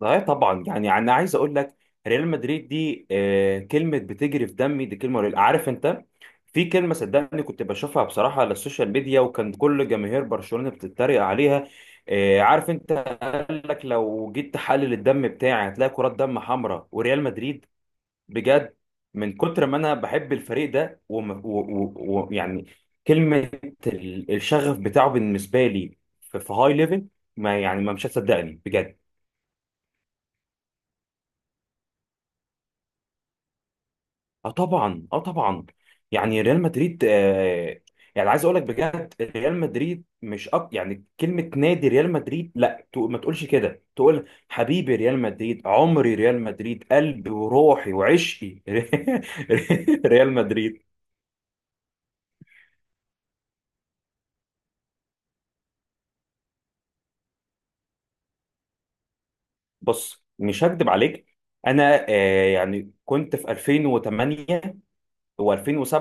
لا، طبعا، يعني انا عايز اقول لك، ريال مدريد دي كلمه بتجري في دمي، دي كلمه قليلة. عارف انت، في كلمه، صدقني كنت بشوفها بصراحه على السوشيال ميديا، وكان كل جماهير برشلونه بتتريق عليها. عارف انت قال لك لو جيت تحلل الدم بتاعي هتلاقي كرات دم حمراء وريال مدريد، بجد. من كتر ما انا بحب الفريق ده، ويعني يعني كلمه، الشغف بتاعه بالنسبه لي في هاي ليفل، ما مش هتصدقني بجد. اه طبعا، اه طبعا، يعني ريال مدريد. يعني عايز اقول لك بجد، ريال مدريد مش، يعني كلمه نادي ريال مدريد لا، ما تقولش كده، تقول حبيبي ريال مدريد، عمري ريال مدريد، قلبي وروحي وعشقي ريال مدريد. بص مش هكدب عليك، انا يعني كنت في 2008 و2007.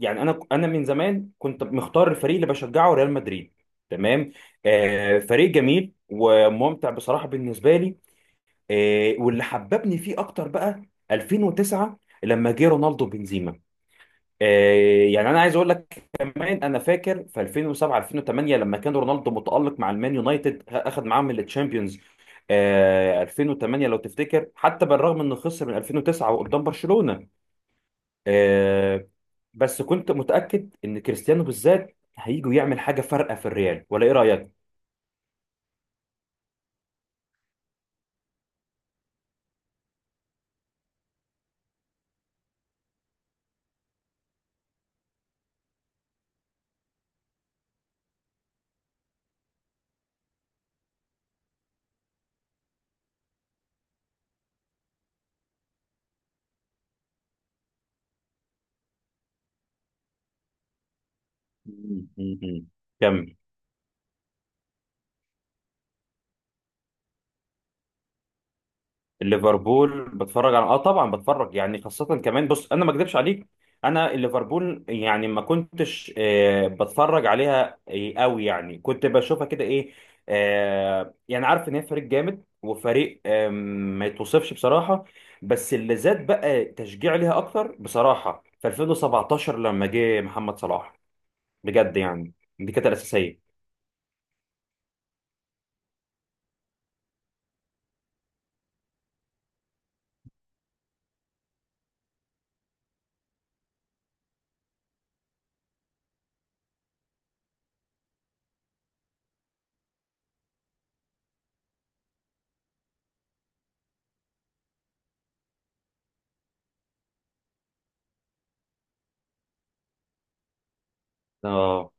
يعني انا من زمان كنت مختار الفريق اللي بشجعه ريال مدريد، تمام. فريق جميل وممتع بصراحه بالنسبه لي. واللي حببني فيه اكتر بقى 2009 لما جه رونالدو بنزيما. يعني انا عايز اقول لك كمان، انا فاكر في 2007 2008 لما كان رونالدو متالق مع المان يونايتد، اخذ معاهم التشامبيونز. 2008 لو تفتكر، حتى بالرغم انه خسر من 2009 وقدام برشلونه. آه، بس كنت متأكد ان كريستيانو بالذات هيجي يعمل حاجة فارقة في الريال، ولا ايه رأيك؟ مم. مم. كمل. ليفربول بتفرج على، طبعا بتفرج، يعني خاصة كمان، بص انا ما اكذبش عليك. انا ليفربول، يعني ما كنتش بتفرج عليها قوي، يعني كنت بشوفها كده، ايه، يعني عارف ان هي فريق جامد وفريق، ما يتوصفش بصراحة. بس اللي زاد بقى تشجيع ليها اكتر بصراحة في 2017 لما جه محمد صلاح، بجد، يعني دي كانت الاساسية. اه،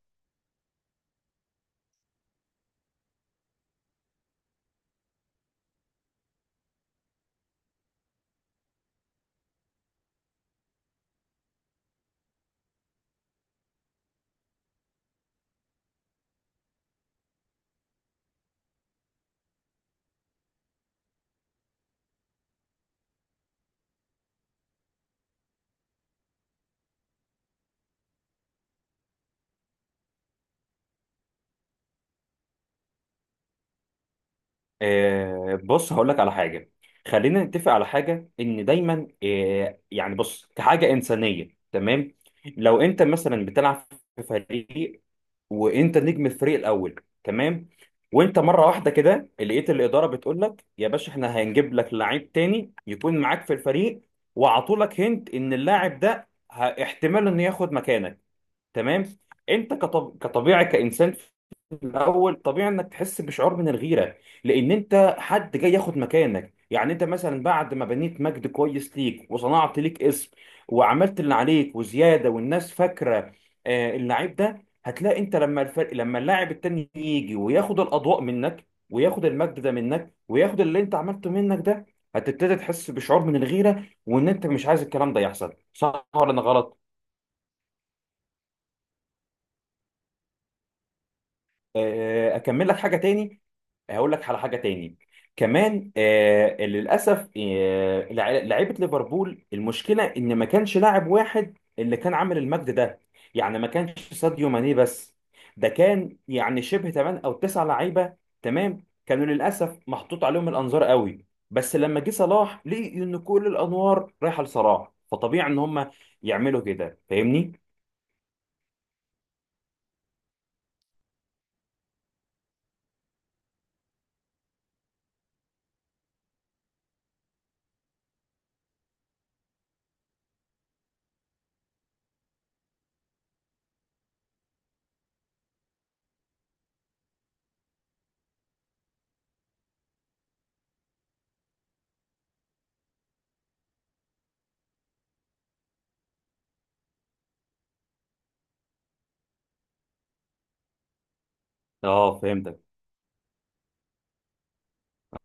بص هقول لك على حاجه. خلينا نتفق على حاجه، ان دايما يعني بص كحاجه انسانيه، تمام. لو انت مثلا بتلعب في فريق، وانت نجم الفريق الاول، تمام، وانت مره واحده كده لقيت الاداره بتقول لك يا باشا، احنا هنجيب لك لعيب تاني يكون معاك في الفريق، وعطولك هنت ان اللاعب ده، احتمال انه ياخد مكانك، تمام. انت كطبيعي كانسان، الاول طبيعي انك تحس بشعور من الغيره، لان انت حد جاي ياخد مكانك. يعني انت مثلا بعد ما بنيت مجد كويس ليك وصنعت ليك اسم، وعملت اللي عليك وزياده، والناس فاكره اللعيب ده، هتلاقي انت لما لما اللاعب التاني يجي وياخد الاضواء منك، وياخد المجد ده منك، وياخد اللي انت عملته منك ده، هتبتدي تحس بشعور من الغيره، وان انت مش عايز الكلام ده يحصل. صح ولا انا غلط؟ اكمل لك حاجه تاني. هقول لك على حاجه تاني كمان. للاسف، لعيبه ليفربول، المشكله ان ما كانش لاعب واحد اللي كان عامل المجد ده، يعني ما كانش ساديو ماني بس، ده كان يعني شبه 8 او 9 لعيبه، تمام، كانوا للاسف محطوط عليهم الانظار قوي. بس لما جه صلاح لقي ان كل الانوار رايحه لصلاح، فطبيعي ان هم يعملوا كده، فاهمني. اه، فهمتك.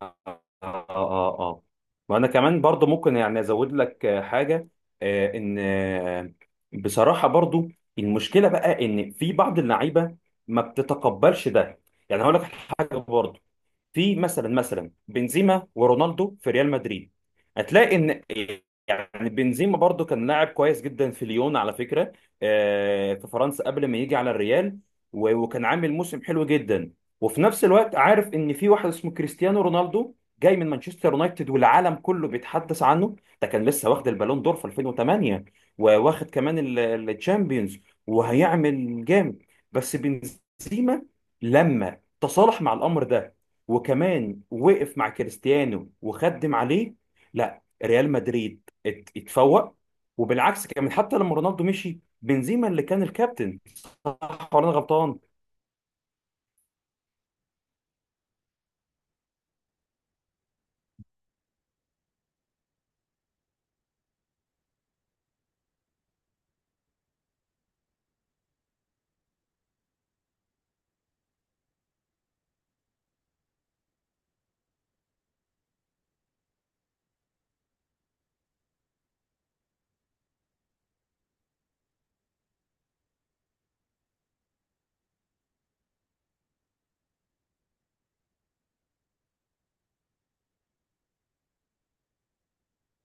اه، اه، اه. وانا كمان برضو ممكن يعني ازود لك حاجه، آه، ان آه، بصراحه برضو المشكله بقى ان في بعض اللعيبه ما بتتقبلش ده. يعني هقول لك حاجه برضو، في مثلا بنزيما ورونالدو في ريال مدريد، هتلاقي ان، يعني بنزيما برضو كان لاعب كويس جدا في ليون على فكرة. في فرنسا قبل ما يجي على الريال، وكان عامل موسم حلو جدا. وفي نفس الوقت عارف ان في واحد اسمه كريستيانو رونالدو، جاي من مانشستر يونايتد والعالم كله بيتحدث عنه، ده كان لسه واخد البالون دور في 2008، وواخد كمان الشامبيونز، وهيعمل جامد. بس بنزيما لما تصالح مع الامر ده، وكمان وقف مع كريستيانو وخدم عليه، لا ريال مدريد اتفوق. وبالعكس كمان، حتى لما رونالدو مشي، بنزيما اللي كان الكابتن. صح ولا انا غلطان؟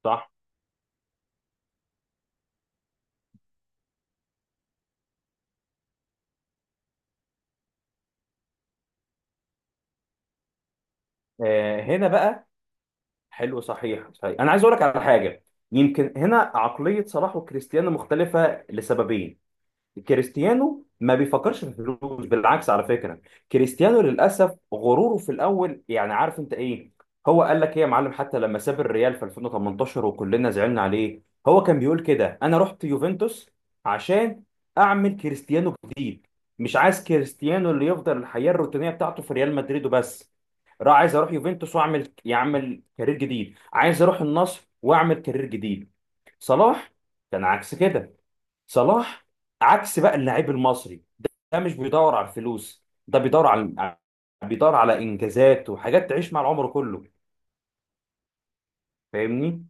صح. هنا بقى، حلو، صحيح صحيح، انا عايز اقول لك على حاجه. يمكن هنا عقليه صلاح وكريستيانو مختلفه لسببين. كريستيانو ما بيفكرش في الفلوس، بالعكس على فكره. كريستيانو للاسف غروره في الاول، يعني عارف انت ايه، هو قال لك ايه يا معلم، حتى لما ساب الريال في 2018 وكلنا زعلنا عليه، هو كان بيقول كده، انا رحت يوفنتوس عشان اعمل كريستيانو جديد، مش عايز كريستيانو اللي يفضل الحياه الروتينيه بتاعته في ريال مدريد وبس، راح عايز اروح يوفنتوس يعمل كارير جديد، عايز اروح النصر واعمل كارير جديد. صلاح كان عكس كده. صلاح عكس بقى، اللاعب المصري ده مش بيدور على الفلوس، ده بيدور على انجازات وحاجات تعيش مع العمر كله، فاهمني.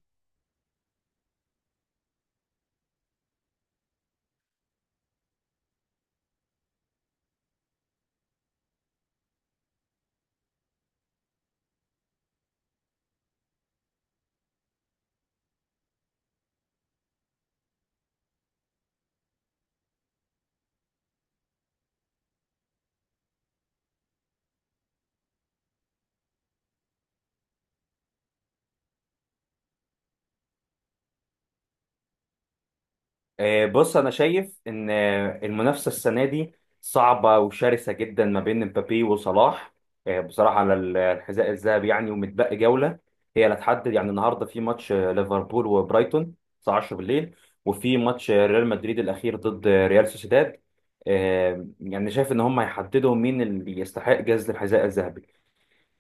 بص انا شايف ان، المنافسه السنه دي صعبه وشرسه جدا ما بين مبابي وصلاح. بصراحه على، الحذاء الذهبي، يعني ومتبقي جوله هي اللي هتحدد. يعني النهارده في ماتش ليفربول وبرايتون الساعه 10 بالليل، وفي ماتش ريال مدريد الاخير ضد ريال سوسيداد. يعني شايف ان هم هيحددوا مين اللي يستحق جائزه الحذاء الذهبي.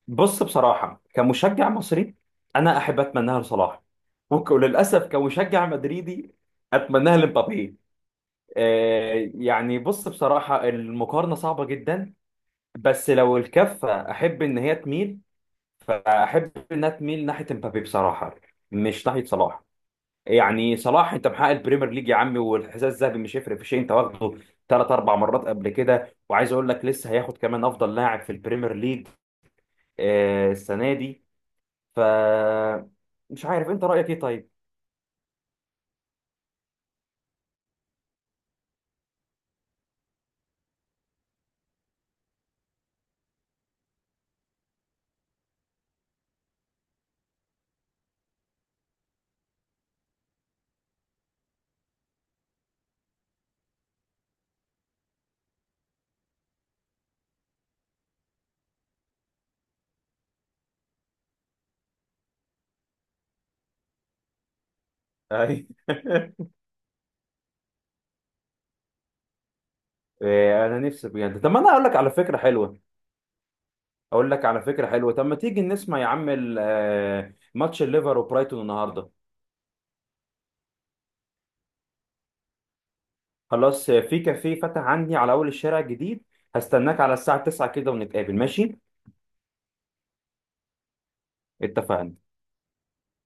بص بصراحه كمشجع مصري، انا احب اتمناها لصلاح، وللاسف كمشجع مدريدي، اتمناها لمبابي. يعني بص بصراحة المقارنة صعبة جدا، بس لو الكفة أحب إن هي تميل، فأحب إنها تميل ناحية امبابي بصراحة، مش ناحية صلاح. يعني صلاح، أنت محقق البريمير ليج يا عمي، والحذاء الذهبي مش هيفرق في شيء، أنت واخده ثلاث أربع مرات قبل كده، وعايز أقول لك لسه هياخد كمان أفضل لاعب في البريمير ليج السنة دي. ف مش عارف أنت رأيك إيه طيب؟ أي. أنا نفسي بجد. طب ما أنا أقول لك على فكرة حلوة، اقول لك على فكره حلوه طب ما تيجي نسمع يا عم، ماتش الليفر وبرايتون النهارده. خلاص في كافيه فتح عندي على اول الشارع الجديد، هستناك على الساعه 9 كده ونتقابل، ماشي. اتفقنا.